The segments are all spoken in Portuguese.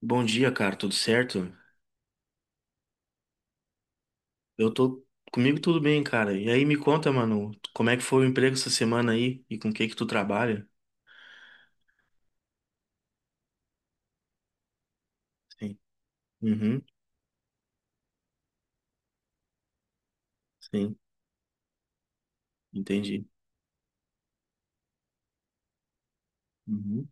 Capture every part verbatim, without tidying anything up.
Bom dia, cara, tudo certo? Eu tô Comigo tudo bem, cara. E aí me conta, mano, como é que foi o emprego essa semana aí e com o que que tu trabalha? Sim. Uhum, sim, entendi. Uhum,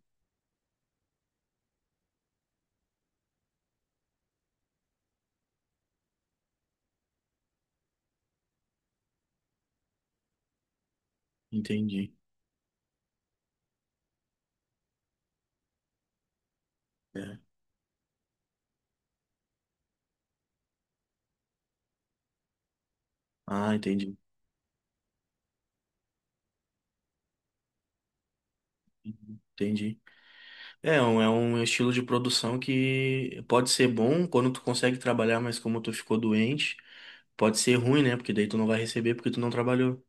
entendi. É. Ah, entendi. Uhum, Entendi. É é um, é um estilo de produção que pode ser bom quando tu consegue trabalhar, mas como tu ficou doente, pode ser ruim, né? Porque daí tu não vai receber porque tu não trabalhou.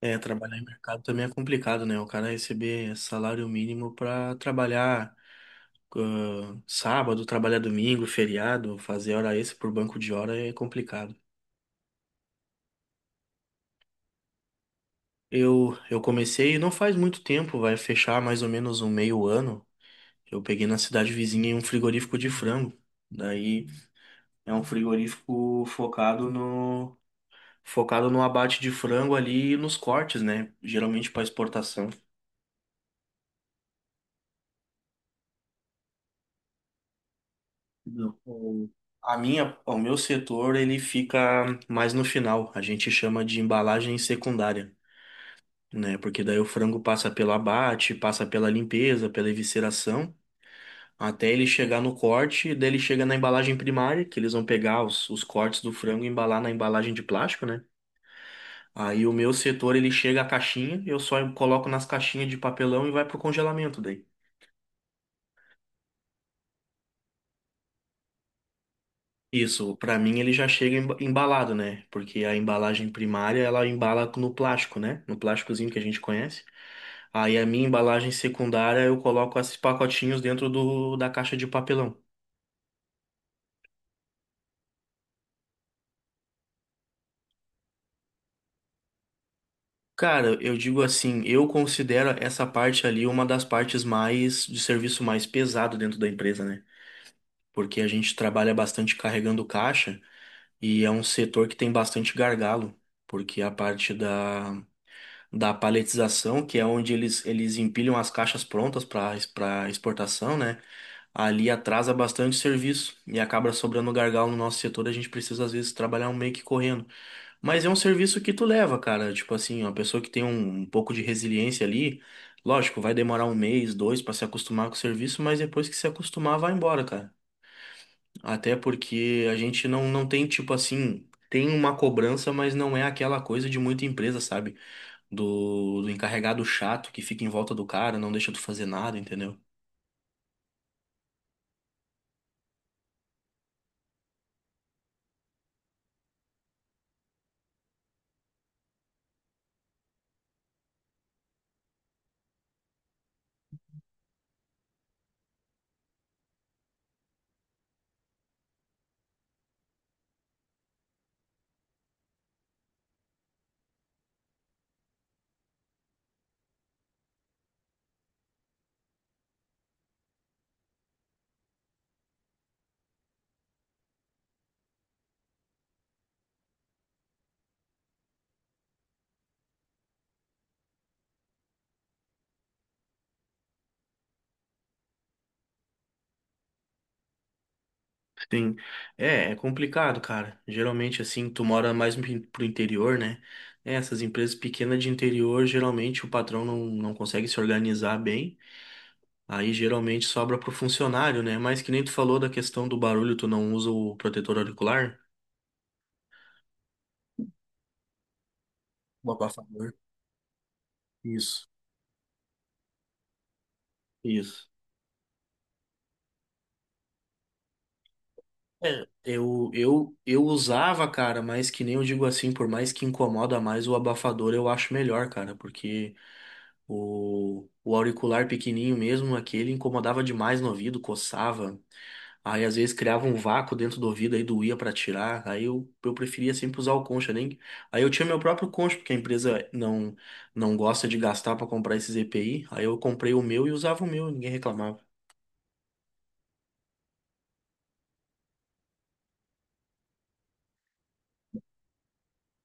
É, trabalhar em mercado também é complicado, né? O cara receber salário mínimo pra trabalhar ah, sábado, trabalhar domingo, feriado, fazer hora extra por banco de hora é complicado. Eu, eu comecei não faz muito tempo, vai fechar mais ou menos um meio ano. Eu peguei na cidade vizinha um frigorífico de frango. Daí é um frigorífico focado no focado no abate de frango ali e nos cortes, né? Geralmente para exportação. Não. O- A minha, o meu setor ele fica mais no final. A gente chama de embalagem secundária, né? Porque daí o frango passa pelo abate, passa pela limpeza, pela evisceração, até ele chegar no corte, daí ele chega na embalagem primária, que eles vão pegar os, os cortes do frango e embalar na embalagem de plástico, né? Aí o meu setor ele chega à caixinha, eu só coloco nas caixinhas de papelão e vai pro congelamento daí. Isso, pra mim ele já chega emba- embalado, né? Porque a embalagem primária ela embala no plástico, né? No plásticozinho que a gente conhece. Aí a minha embalagem secundária eu coloco esses pacotinhos dentro do, da caixa de papelão. Cara, eu digo assim, eu considero essa parte ali uma das partes mais de serviço mais pesado dentro da empresa, né? Porque a gente trabalha bastante carregando caixa e é um setor que tem bastante gargalo, porque a parte da, da paletização, que é onde eles, eles empilham as caixas prontas para para exportação, né? Ali atrasa bastante serviço e acaba sobrando gargalo no nosso setor, a gente precisa às vezes trabalhar meio que correndo. Mas é um serviço que tu leva, cara. Tipo assim, uma pessoa que tem um, um pouco de resiliência ali, lógico, vai demorar um mês, dois pra se acostumar com o serviço, mas depois que se acostumar, vai embora, cara. Até porque a gente não, não tem, tipo assim, tem uma cobrança, mas não é aquela coisa de muita empresa, sabe? Do, do encarregado chato que fica em volta do cara, não deixa tu fazer nada, entendeu? Sim. É, é complicado, cara. Geralmente, assim, tu mora mais pro in- pro interior, né? É, Essas empresas pequenas de interior, geralmente o patrão não, não consegue se organizar bem. Aí geralmente sobra pro funcionário, né? Mas que nem tu falou da questão do barulho, tu não usa o protetor auricular? O abafador. Isso, isso. É, eu, eu, eu usava, cara, mas que nem eu digo assim, por mais que incomoda mais, o abafador eu acho melhor, cara, porque. O, o auricular pequenininho mesmo, aquele incomodava demais no ouvido, coçava. Aí às vezes criava um vácuo dentro do ouvido, aí doía pra tirar. Aí eu, eu preferia sempre usar o concha, nem. Aí eu tinha meu próprio concha, porque a empresa não não gosta de gastar pra comprar esses E P I. Aí eu comprei o meu e usava o meu, ninguém reclamava.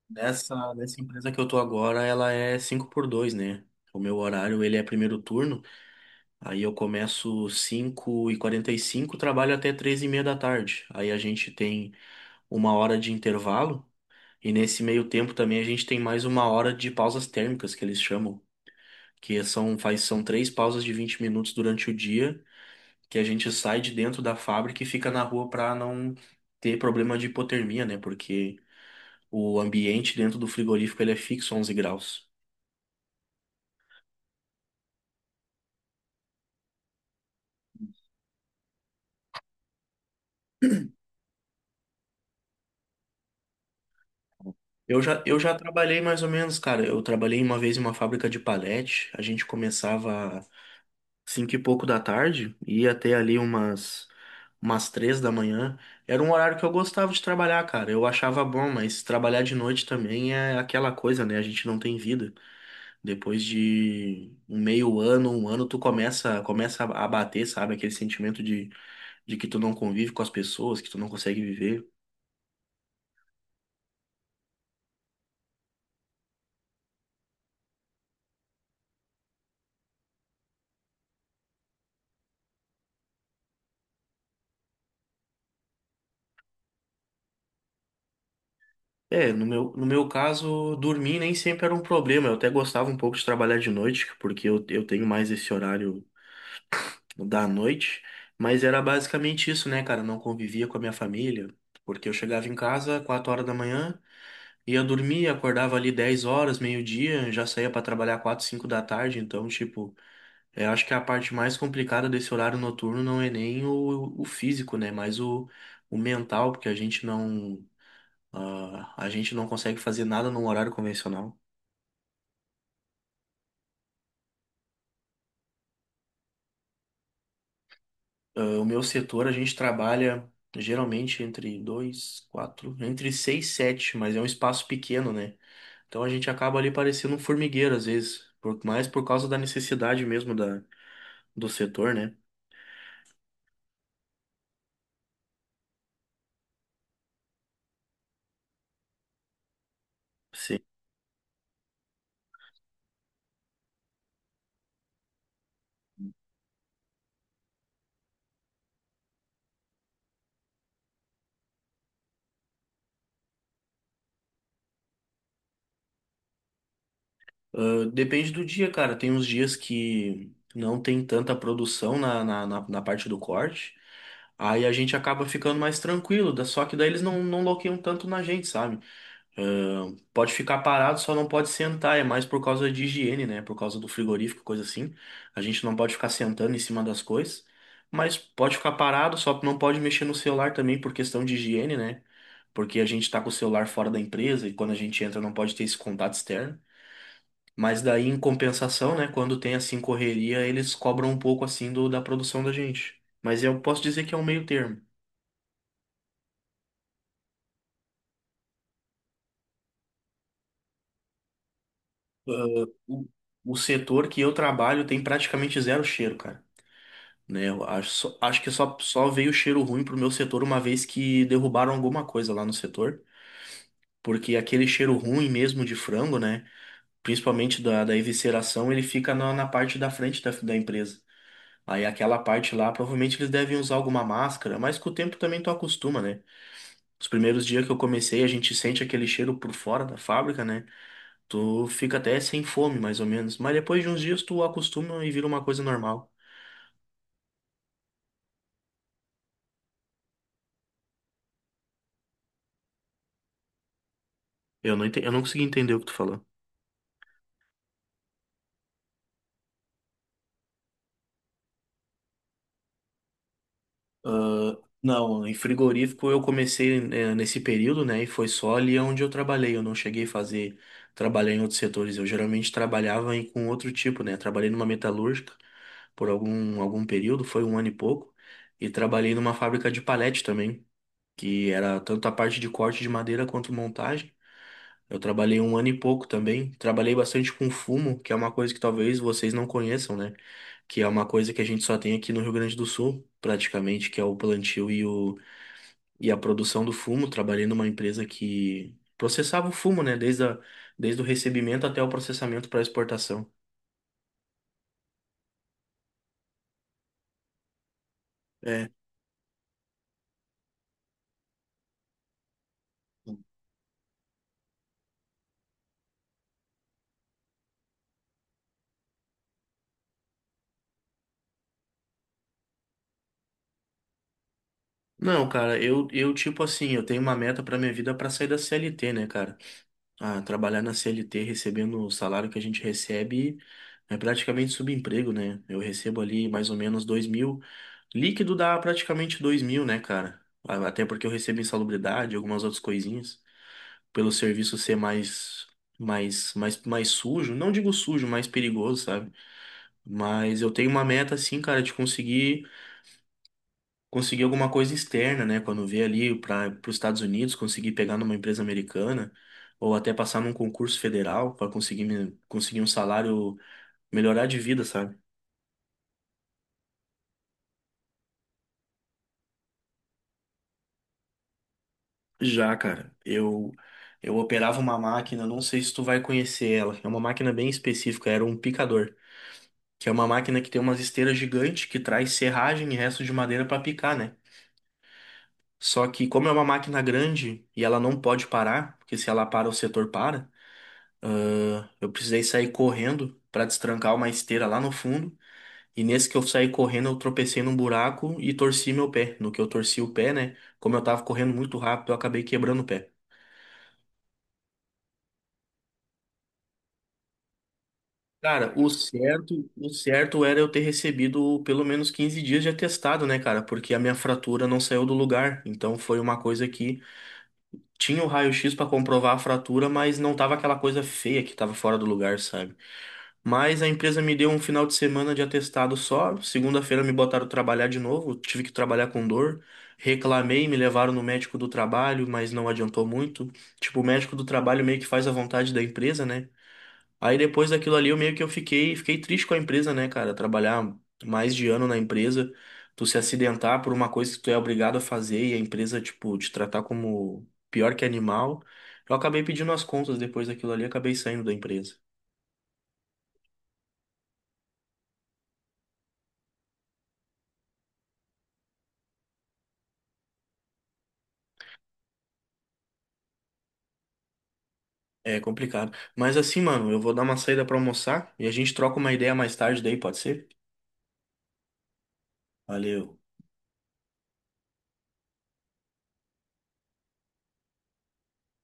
Nessa, nessa empresa que eu tô agora, ela é cinco por dois, né? O meu horário, ele é primeiro turno. Aí eu começo cinco e quarenta e cinco, trabalho até três e meia da tarde. Aí a gente tem uma hora de intervalo e nesse meio tempo também a gente tem mais uma hora de pausas térmicas que eles chamam, que são faz são três pausas de vinte minutos durante o dia que a gente sai de dentro da fábrica e fica na rua para não ter problema de hipotermia, né? Porque o ambiente dentro do frigorífico ele é fixo onze graus. Eu já, eu já trabalhei mais ou menos, cara. Eu trabalhei uma vez em uma fábrica de palete. A gente começava cinco e pouco da tarde, ia até ali umas umas três da manhã. Era um horário que eu gostava de trabalhar, cara. Eu achava bom, mas trabalhar de noite também é aquela coisa, né? A gente não tem vida. Depois de um meio ano, um ano, tu começa começa a bater, sabe? Aquele sentimento de, de que tu não convive com as pessoas, que tu não consegue viver. É, no meu, no meu caso, dormir nem sempre era um problema. Eu até gostava um pouco de trabalhar de noite, porque eu, eu tenho mais esse horário da noite, mas era basicamente isso, né, cara? Não convivia com a minha família, porque eu chegava em casa quatro horas da manhã, ia dormir, acordava ali dez horas, meio-dia, já saía pra trabalhar quatro cinco da tarde, então, tipo, eu acho que a parte mais complicada desse horário noturno não é nem o, o físico, né, mas o, o mental, porque a gente não, ah, a gente não consegue fazer nada num horário convencional. Ah, o meu setor, a gente trabalha geralmente entre dois, quatro, entre seis, sete, mas é um espaço pequeno, né? Então a gente acaba ali parecendo um formigueiro às vezes, por, mais por causa da necessidade mesmo da, do setor, né? Sim. Ah, depende do dia, cara. Tem uns dias que não tem tanta produção na, na, na, na parte do corte, aí a gente acaba ficando mais tranquilo, da- só que daí eles não, não loqueiam tanto na gente, sabe? Ahn, pode ficar parado, só não pode sentar. É mais por causa de higiene, né? Por causa do frigorífico, coisa assim. A gente não pode ficar sentando em cima das coisas. Mas pode ficar parado, só não pode mexer no celular também por questão de higiene, né? Porque a gente tá com o celular fora da empresa e quando a gente entra não pode ter esse contato externo. Mas daí, em compensação, né? Quando tem assim correria, eles cobram um pouco assim do, da produção da gente. Mas eu posso dizer que é um meio termo. O, o setor que eu trabalho tem praticamente zero cheiro, cara. Né? Eu acho, só- acho que só, só veio cheiro ruim pro meu setor uma vez que derrubaram alguma coisa lá no setor, porque aquele cheiro ruim mesmo de frango, né? Principalmente da, da evisceração, ele fica na, na parte da frente da, da empresa. Aí aquela parte lá, provavelmente eles devem usar alguma máscara, mas com o tempo também tu acostuma, né? Os primeiros dias que eu comecei, a gente sente aquele cheiro por fora da fábrica, né? Tu fica até sem fome, mais ou menos. Mas depois de uns dias tu acostuma e vira uma coisa normal. Eu não, ente- eu não consegui entender o que tu falou. Não, em frigorífico eu comecei eh, nesse período, né? E foi só ali onde eu trabalhei. Eu não cheguei a fazer, trabalhar em outros setores. Eu geralmente trabalhava em, com outro tipo, né? Trabalhei numa metalúrgica por algum, algum período, foi um ano e pouco. E trabalhei numa fábrica de palete também, que era tanto a parte de corte de madeira quanto montagem. Eu trabalhei um ano e pouco também. Trabalhei bastante com fumo, que é uma coisa que talvez vocês não conheçam, né? Que é uma coisa que a gente só tem aqui no Rio Grande do Sul, praticamente, que é o plantio e o e a produção do fumo. Trabalhei numa empresa que processava o fumo, né? Desde a, desde o recebimento até o processamento para exportação. É. Não, cara, eu, eu tipo assim, eu tenho uma meta pra minha vida pra sair da C L T, né, cara? Ah, trabalhar na C L T recebendo o salário que a gente recebe é praticamente subemprego, né? Eu recebo ali mais ou menos dois mil. Líquido dá praticamente dois mil, né, cara? Ah, Até porque eu recebo insalubridade, algumas outras coisinhas. Pelo serviço ser mais, mais, mais, mais sujo. Não digo sujo, mais perigoso, sabe? Mas eu tenho uma meta, assim, cara, de conseguir, conseguir alguma coisa externa, né? Quando vier ali para os Estados Unidos, conseguir pegar numa empresa americana. Ou até passar num concurso federal para conseguir, me- conseguir um salário, melhorar de vida, sabe? Já, cara, eu eu operava uma máquina, não sei se tu vai conhecer ela. É uma máquina bem específica, era um picador. que é uma máquina que tem umas esteiras gigantes que traz serragem e resto de madeira para picar, né? Só que como é uma máquina grande e ela não pode parar, porque se ela para o setor para, ah, eu precisei sair correndo para destrancar uma esteira lá no fundo. E nesse que eu saí correndo, eu tropecei num buraco e torci meu pé. No que eu torci o pé, né? Como eu tava correndo muito rápido, eu acabei quebrando o pé. Cara, o certo, o certo era eu ter recebido pelo menos quinze dias de atestado, né, cara? Porque a minha fratura não saiu do lugar. Então foi uma coisa que Tinha o raio-x para comprovar a fratura, mas não tava aquela coisa feia que tava fora do lugar, sabe? Mas a empresa me deu um final de semana de atestado só. Segunda-feira me botaram trabalhar de novo, tive que trabalhar com dor. Reclamei, me levaram no médico do trabalho, mas não adiantou muito. Tipo, o médico do trabalho meio que faz a vontade da empresa, né? Aí depois daquilo ali, eu meio que eu fiquei, fiquei triste com a empresa, né, cara? Trabalhar mais de ano na empresa, tu se acidentar por uma coisa que tu é obrigado a fazer e a empresa, tipo, te tratar como pior que animal. Eu acabei pedindo as contas depois daquilo ali, acabei saindo da empresa. É complicado. Mas assim, mano, eu vou dar uma saída pra almoçar e a gente troca uma ideia mais tarde daí, pode ser? Valeu.